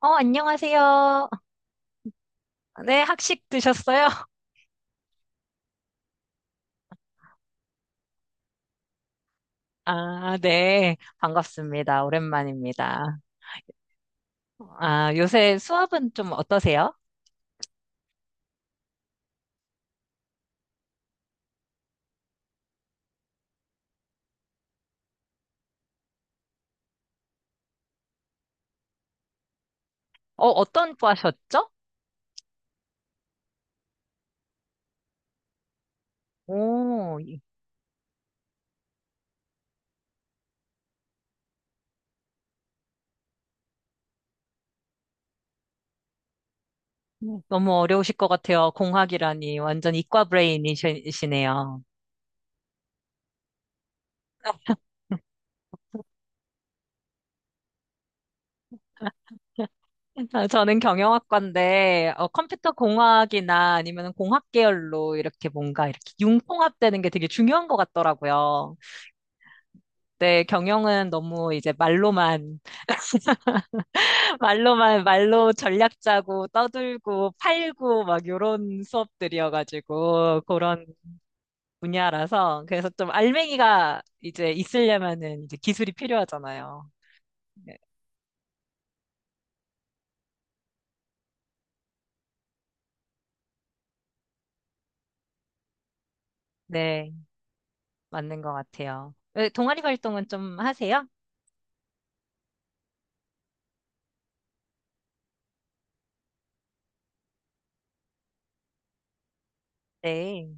안녕하세요. 네, 학식 드셨어요? 아, 네. 반갑습니다. 오랜만입니다. 아, 요새 수업은 좀 어떠세요? 어떤 과셨죠? 오, 이- 너무 어려우실 것 같아요. 공학이라니. 완전 이과 브레인이시네요. 아, 저는 경영학과인데, 컴퓨터 공학이나 아니면 공학 계열로 이렇게 뭔가 이렇게 융통합되는 게 되게 중요한 것 같더라고요. 네, 경영은 너무 이제 말로만 말로 전략 짜고 떠들고 팔고 막 요런 수업들이어가지고 그런 분야라서 그래서 좀 알맹이가 이제 있으려면은 이제 기술이 필요하잖아요. 네, 네, 맞는 것 같아요. 왜 동아리 활동은 좀 하세요? 네.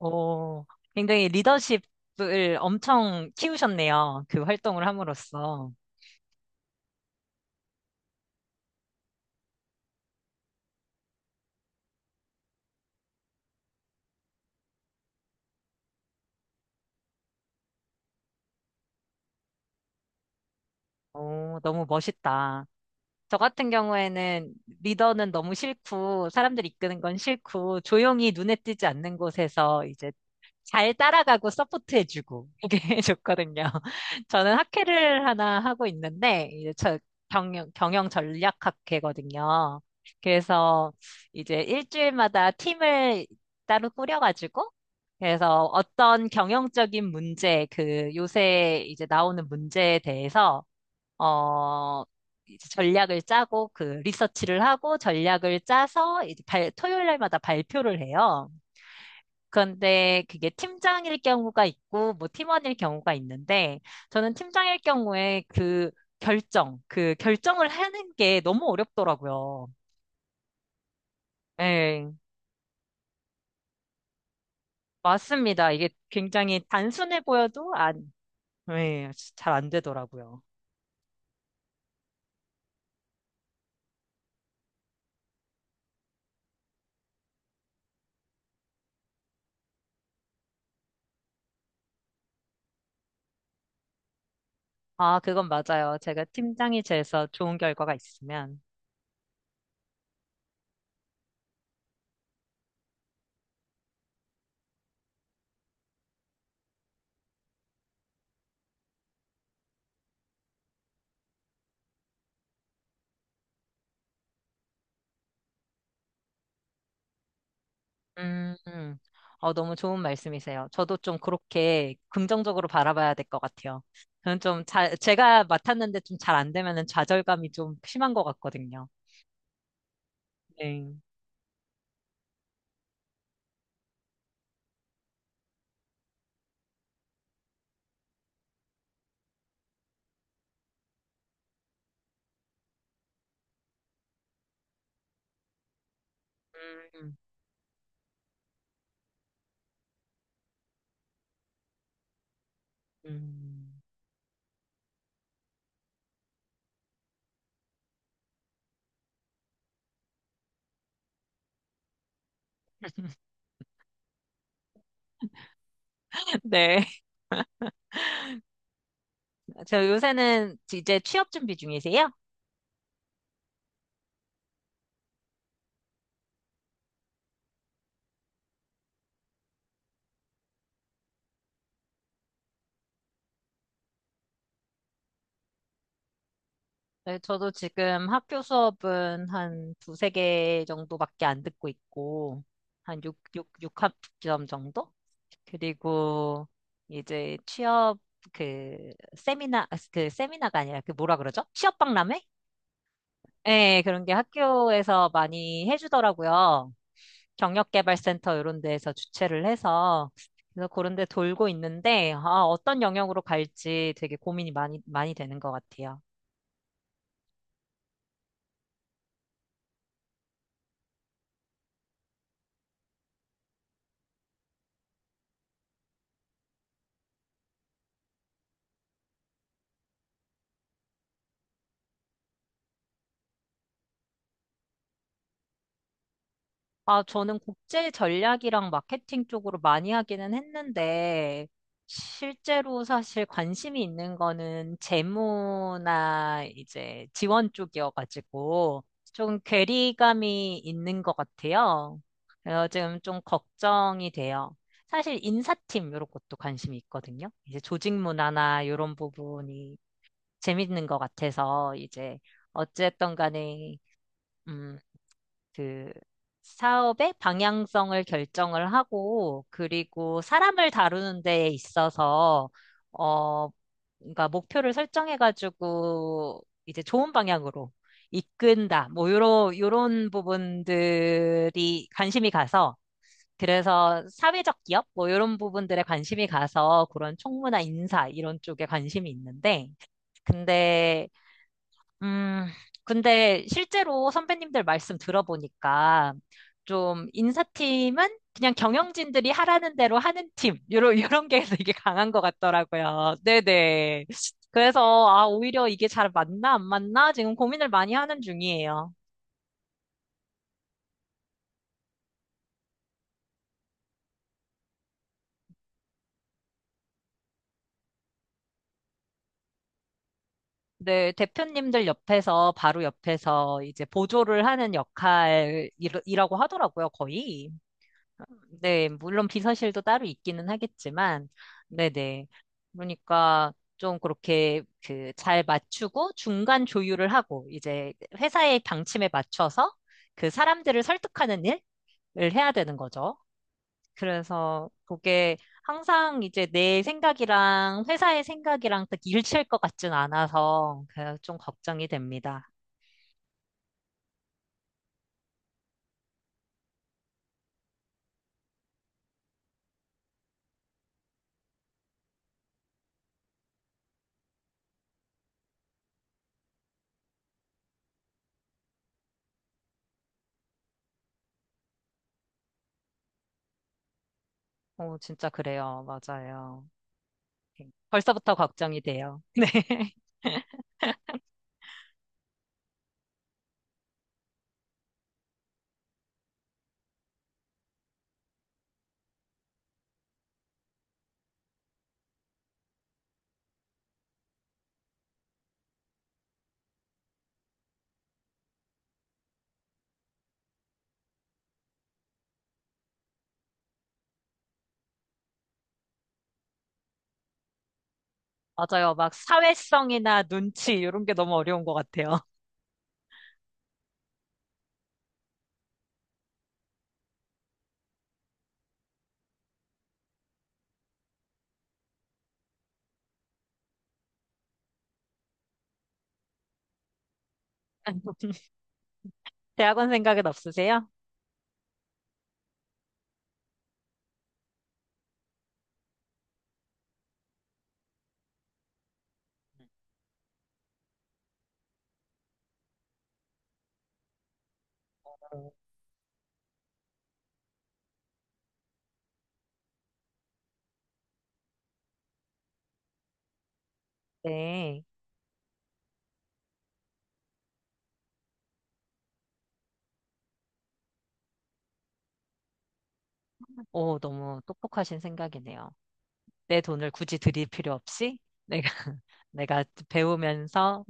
오, 굉장히 리더십을 엄청 키우셨네요. 그 활동을 함으로써. 오, 너무 멋있다. 저 같은 경우에는 리더는 너무 싫고, 사람들 이끄는 건 싫고, 조용히 눈에 띄지 않는 곳에서 이제 잘 따라가고 서포트해주고, 이게 좋거든요. 저는 학회를 하나 하고 있는데, 경영 전략 학회거든요. 그래서 이제 일주일마다 팀을 따로 꾸려가지고, 그래서 어떤 경영적인 문제, 그 요새 이제 나오는 문제에 대해서 어, 이제 전략을 짜고 그 리서치를 하고 전략을 짜서 토요일 날마다 발표를 해요. 그런데 그게 팀장일 경우가 있고 뭐 팀원일 경우가 있는데 저는 팀장일 경우에 그 그 결정을 하는 게 너무 어렵더라고요. 예, 맞습니다. 이게 굉장히 단순해 보여도 안, 예, 잘 안 되더라고요. 아, 그건 맞아요. 제가 팀장이 돼서 좋은 결과가 있으면. 음, 음. 너무 좋은 말씀이세요. 저도 좀 그렇게 긍정적으로 바라봐야 될 것 같아요. 저는 제가 맡았는데 좀 잘 안 되면은 좌절감이 좀 심한 것 같거든요. 네. 음, 음. 네. 저 요새는 이제 취업 준비 중이세요? 네, 저도 지금 학교 수업은 한 두세 개 정도밖에 안 듣고 있고, 한 육육 육 학점 정도? 그리고 이제 취업 그 세미나 아, 그 세미나가 아니라 그 뭐라 그러죠? 취업 박람회? 예, 그런 게 학교에서 많이 해주더라고요. 경력개발센터 이런 데에서 주최를 해서 그래서 그런 데 돌고 있는데 아, 어떤 영역으로 갈지 되게 고민이 많이 되는 것 같아요. 아, 저는 국제 전략이랑 마케팅 쪽으로 많이 하기는 했는데, 실제로 사실 관심이 있는 거는 재무나 이제 지원 쪽이어가지고, 좀 괴리감이 있는 것 같아요. 그래서 지금 좀 걱정이 돼요. 사실 인사팀 이런 것도 관심이 있거든요. 이제 조직 문화나 이런 부분이 재밌는 것 같아서, 이제 어쨌든 간에 음, 그 사업의 방향성을 결정을 하고 그리고 사람을 다루는 데에 있어서 어 그러니까 목표를 설정해가지고 이제 좋은 방향으로 이끈다 뭐 요런 부분들이 관심이 가서 그래서 사회적 기업 뭐 요런 부분들에 관심이 가서 그런 총무나 인사 이런 쪽에 관심이 있는데 근데 음, 근데 실제로 선배님들 말씀 들어보니까 좀 인사팀은 그냥 경영진들이 하라는 대로 하는 팀, 요런 게 되게 강한 것 같더라고요. 네네. 그래서, 아, 오히려 이게 잘 맞나, 안 맞나? 지금 고민을 많이 하는 중이에요. 네, 바로 옆에서 이제 보조를 하는 역할이라고 하더라고요, 거의. 네, 물론 비서실도 따로 있기는 하겠지만, 네네. 그러니까 좀 그렇게 그 잘 맞추고 중간 조율을 하고 이제 회사의 방침에 맞춰서 그 사람들을 설득하는 일을 해야 되는 거죠. 그래서 그게 항상 이제 내 생각이랑 회사의 생각이랑 딱 일치할 것 같진 않아서 그좀 걱정이 됩니다. 진짜 그래요. 맞아요. 네, 벌써부터 걱정이 돼요. 네. 맞아요. 막 사회성이나 눈치 이런 게 너무 어려운 것 같아요. 대학원 생각은 없으세요? 네. 오, 너무 똑똑하신 생각이네요. 내 돈을 굳이 드릴 필요 없이 내가 내가 배우면서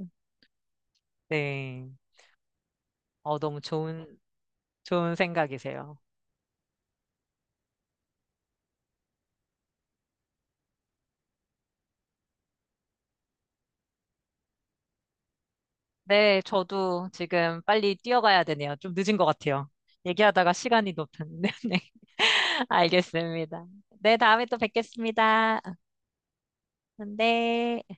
네. 너무 좋은 생각이세요. 네, 저도 지금 빨리 뛰어가야 되네요. 좀 늦은 것 같아요. 얘기하다가 시간이 높았는데. 네. 알겠습니다. 네, 다음에 또 뵙겠습니다. 네.